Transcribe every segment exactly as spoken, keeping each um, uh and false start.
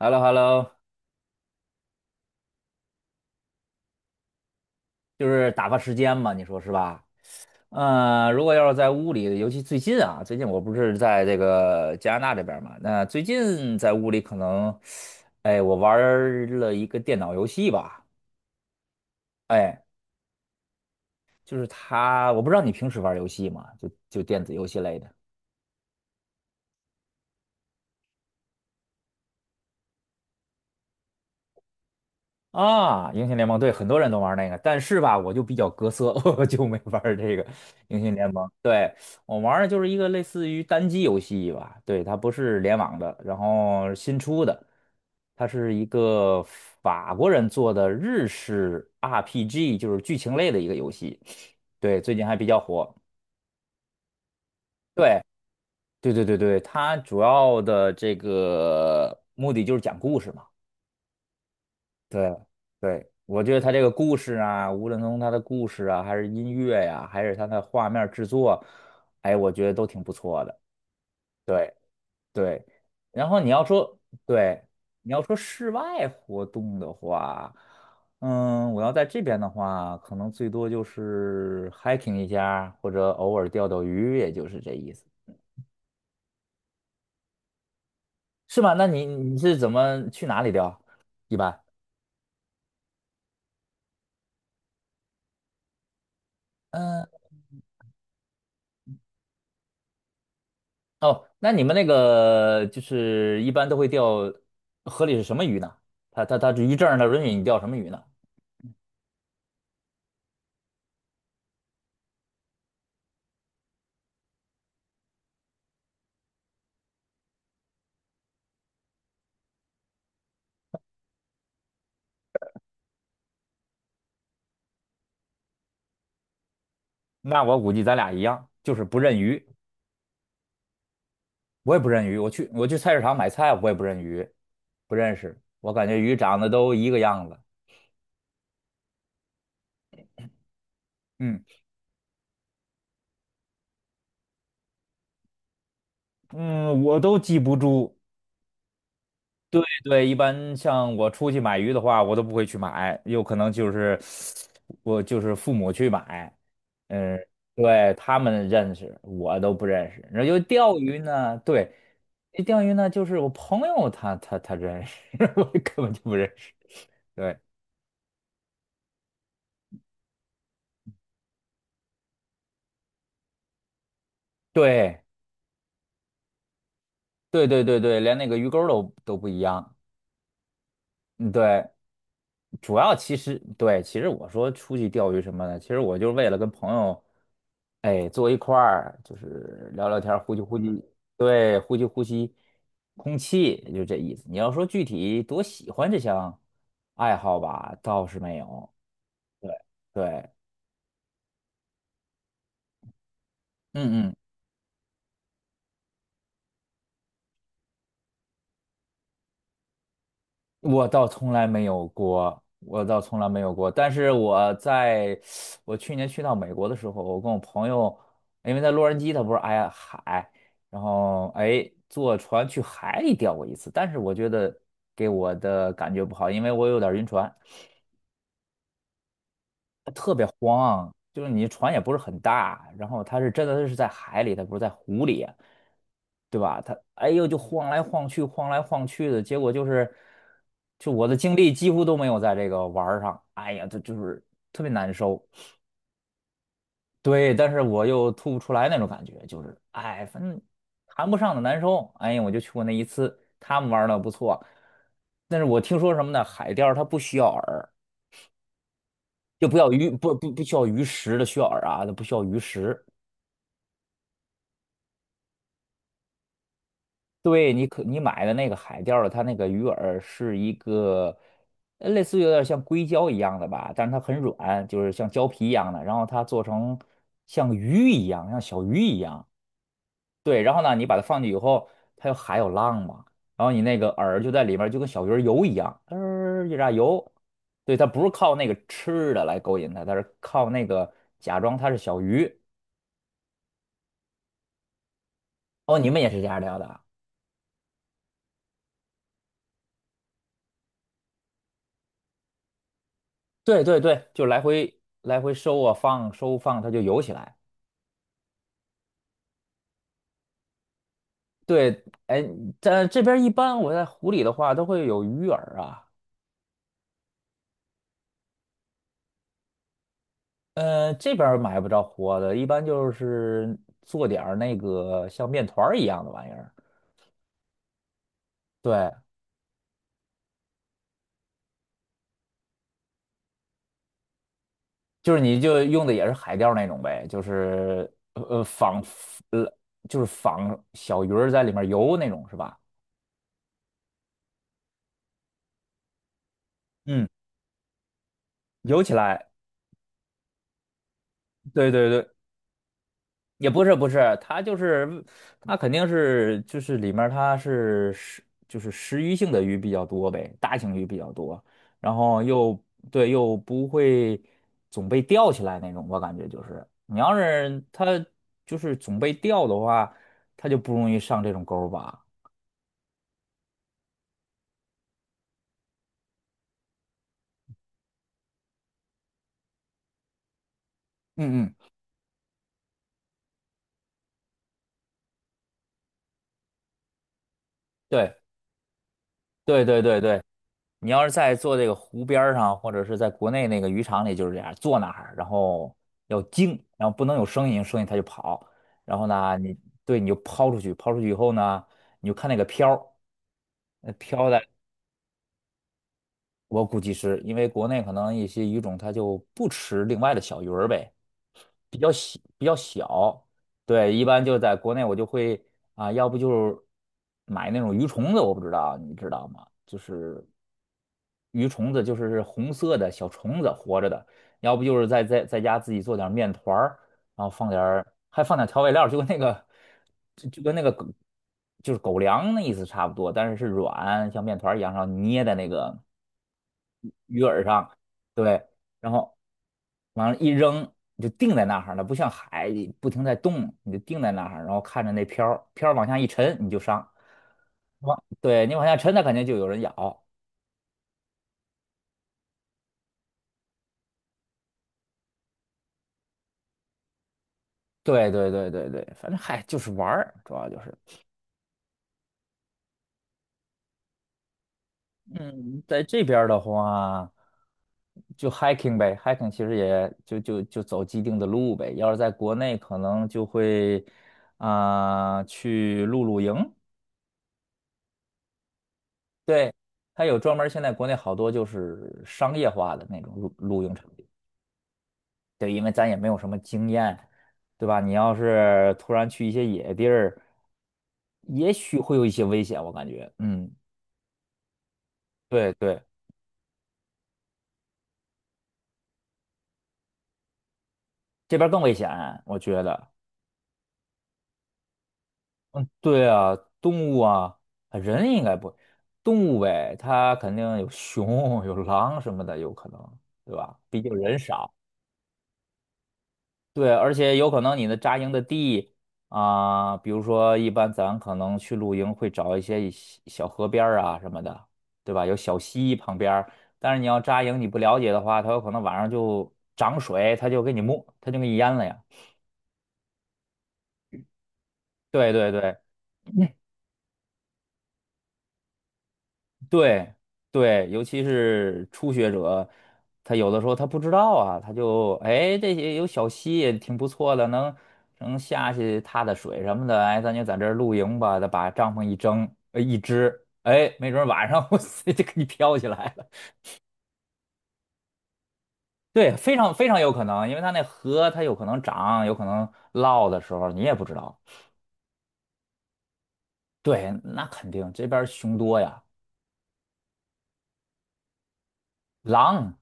h e l l o h e l l o。 就是打发时间嘛，你说是吧？嗯，如果要是在屋里，尤其最近啊，最近我不是在这个加拿大这边儿嘛，那最近在屋里可能，哎，我玩儿了一个电脑游戏吧，哎，就是它，我不知道你平时玩儿游戏吗？就就电子游戏类的。啊，英雄联盟对，很多人都玩那个，但是吧，我就比较隔色，我就没玩儿这个英雄联盟。对，我玩的就是一个类似于单机游戏吧，对，它不是联网的，然后新出的，它是一个法国人做的日式 R P G，就是剧情类的一个游戏，对，最近还比较火。对，对对对对，它主要的这个目的就是讲故事嘛。对对，我觉得他这个故事啊，无论从他的故事啊，还是音乐呀、还是他的画面制作，哎，我觉得都挺不错的。对对，然后你要说对，你要说室外活动的话，嗯，我要在这边的话，可能最多就是 hiking 一下，或者偶尔钓钓鱼，也就是这意思，是吧？那你你是怎么去哪里钓？一般？嗯。哦，那你们那个就是一般都会钓河里是什么鱼呢？它它它渔证他它允许你钓什么鱼呢？那我估计咱俩一样，就是不认鱼，我也不认鱼。我去我去菜市场买菜，我也不认鱼，不认识。我感觉鱼长得都一个样子，嗯嗯，我都记不住。对对，一般像我出去买鱼的话，我都不会去买，有可能就是我就是父母去买，嗯，对，他们认识，我都不认识。然后就钓鱼呢，对，钓鱼呢就是我朋友他他他认识，我根本就不认识。对对对对对对，连那个鱼钩儿都都不一样。嗯，对，主要其实对，其实我说出去钓鱼什么的，其实我就是为了跟朋友，哎，坐一块儿，就是聊聊天儿，呼吸呼吸，对，呼吸呼吸空气，就这意思。你要说具体多喜欢这项爱好吧，倒是没有。对对，嗯嗯我倒从来没有过，我倒从来没有过。但是我在我去年去到美国的时候，我跟我朋友，因为在洛杉矶，它不是挨海，然后哎坐船去海里钓过一次，但是我觉得给我的感觉不好，因为我有点晕船。它特别慌，就是你船也不是很大，然后它是真的是在海里，它不是在湖里，对吧？它哎呦就晃来晃去，晃来晃去的，结果就是，就我的精力几乎都没有在这个玩儿上，哎呀，这就是特别难受。对，但是我又吐不出来那种感觉，就是哎，反正谈不上的难受。哎呀，我就去过那一次，他们玩的不错，但是我听说什么呢？海钓它不需要饵，就不要鱼，不不不需要鱼食的需要饵啊，它不需要鱼食。对你可你买的那个海钓的，它那个鱼饵是一个呃类似于有点像硅胶一样的吧，但是它很软，就是像胶皮一样的，然后它做成像鱼一样，像小鱼一样。对，然后呢，你把它放进去以后，它有海有浪嘛，然后你那个饵就在里面儿，就跟小鱼儿游一样，呃，一炸游。对，它不是靠那个吃的来勾引它，它是靠那个假装它是小鱼。哦，你们也是这样聊的啊对对对，就来回来回收啊放收放，它就游起来。对，哎，在这边一般我在湖里的话都会有鱼饵啊，呃，这边儿买不着活的，一般就是做点儿那个像面团儿一样的玩意儿。对，就是你就用的也是海钓那种呗，就是呃呃仿呃就是仿小鱼儿在里面游那种是吧？嗯，游起来，对对对。也不是不是，它就是它肯定是就是里面儿它是食就是食鱼性的鱼比较多呗，大型鱼比较多，然后又对又不会总被钓起来那种，我感觉就是你要是它就是总被钓的话，它就不容易上这种钩儿吧。嗯嗯，对。对对对对，你要是在做这个湖边儿上，或者是在国内那个渔场里，就是这样，坐那儿，然后要静，然后不能有声音，有声音它就跑。然后呢，你对，你就抛出去，抛出去以后呢，你就看那个漂儿，呃漂的，我估计是因为国内可能一些鱼种它就不吃另外的小鱼儿呗，比较小，比较小。对，一般就在国内我就会啊，要不就是买那种鱼虫子，我不知道，你知道吗？就是。鱼虫子，就是红色的小虫子活着的，要不就是在在在家自己做点面团儿，然后放点儿还放点调味料就跟那个就就跟那个狗就是狗粮那意思差不多，但是是软，像面团儿一样，然后捏在那个鱼饵上，对，然后往上一扔。你就定在那儿了，不像海不停在动，你就定在那儿，然后看着那漂儿漂儿往下一沉，你就上。往对你往下沉，它肯定就有人咬。对对对对对，反正嗨，就是玩儿，主要就是，嗯，在这边儿的话，就 hiking 呗，hiking 其实也就就就走既定的路呗。要是在国内，可能就会啊、去露露营，对，它有专门儿现在国内好多就是商业化的那种露露营场地，对，因为咱也没有什么经验，对吧？你要是突然去一些野地儿，也许会有一些危险，我感觉，嗯，对对。这边更危险，我觉得。嗯，对啊，动物啊，啊人应该不，动物呗，它肯定有熊、有狼什么的，有可能，对吧？毕竟人少。对，而且有可能你的扎营的地啊，比如说一般咱可能去露营会找一些小小河边儿啊什么的，对吧？有小溪旁边儿但是你要扎营你不了解的话，它有可能晚上就涨水，它就给你没，它就给你淹了呀。对对对。对对，尤其是初学者，他有的时候他不知道啊，他就哎这些有小溪也挺不错的，能能下去踏踏水什么的，哎，咱就在这儿露营吧，他把帐篷一蒸，呃，一支，哎，没准儿晚上 我塞就给你飘起来了。对，非常非常有可能，因为它那河它有可能涨，有可能涝的时候你也不知道。对，那肯定这边儿熊多呀，狼，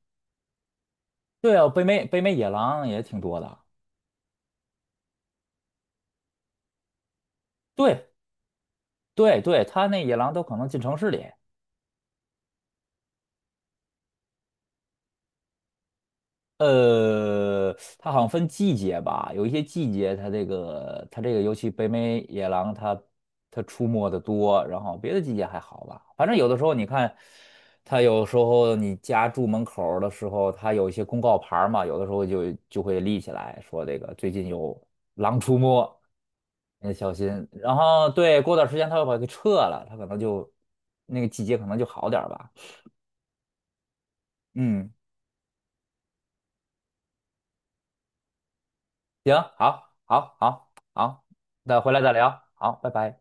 对啊，北美北美野狼也挺多的。对，对对，它那野狼都可能进城市里。呃，它好像分季节吧，有一些季节它这个它这个，尤其北美野狼它它出没的多，然后别的季节还好吧。反正有的时候你看，它有时候你家住门口儿的时候，它有一些公告牌儿嘛，有的时候就就会立起来说这个最近有狼出没，你得小心。然后对，过段时间它又把它给撤了，它可能就那个季节可能就好点儿吧。嗯。行，好，好，好，好，那回来再聊，好，拜拜。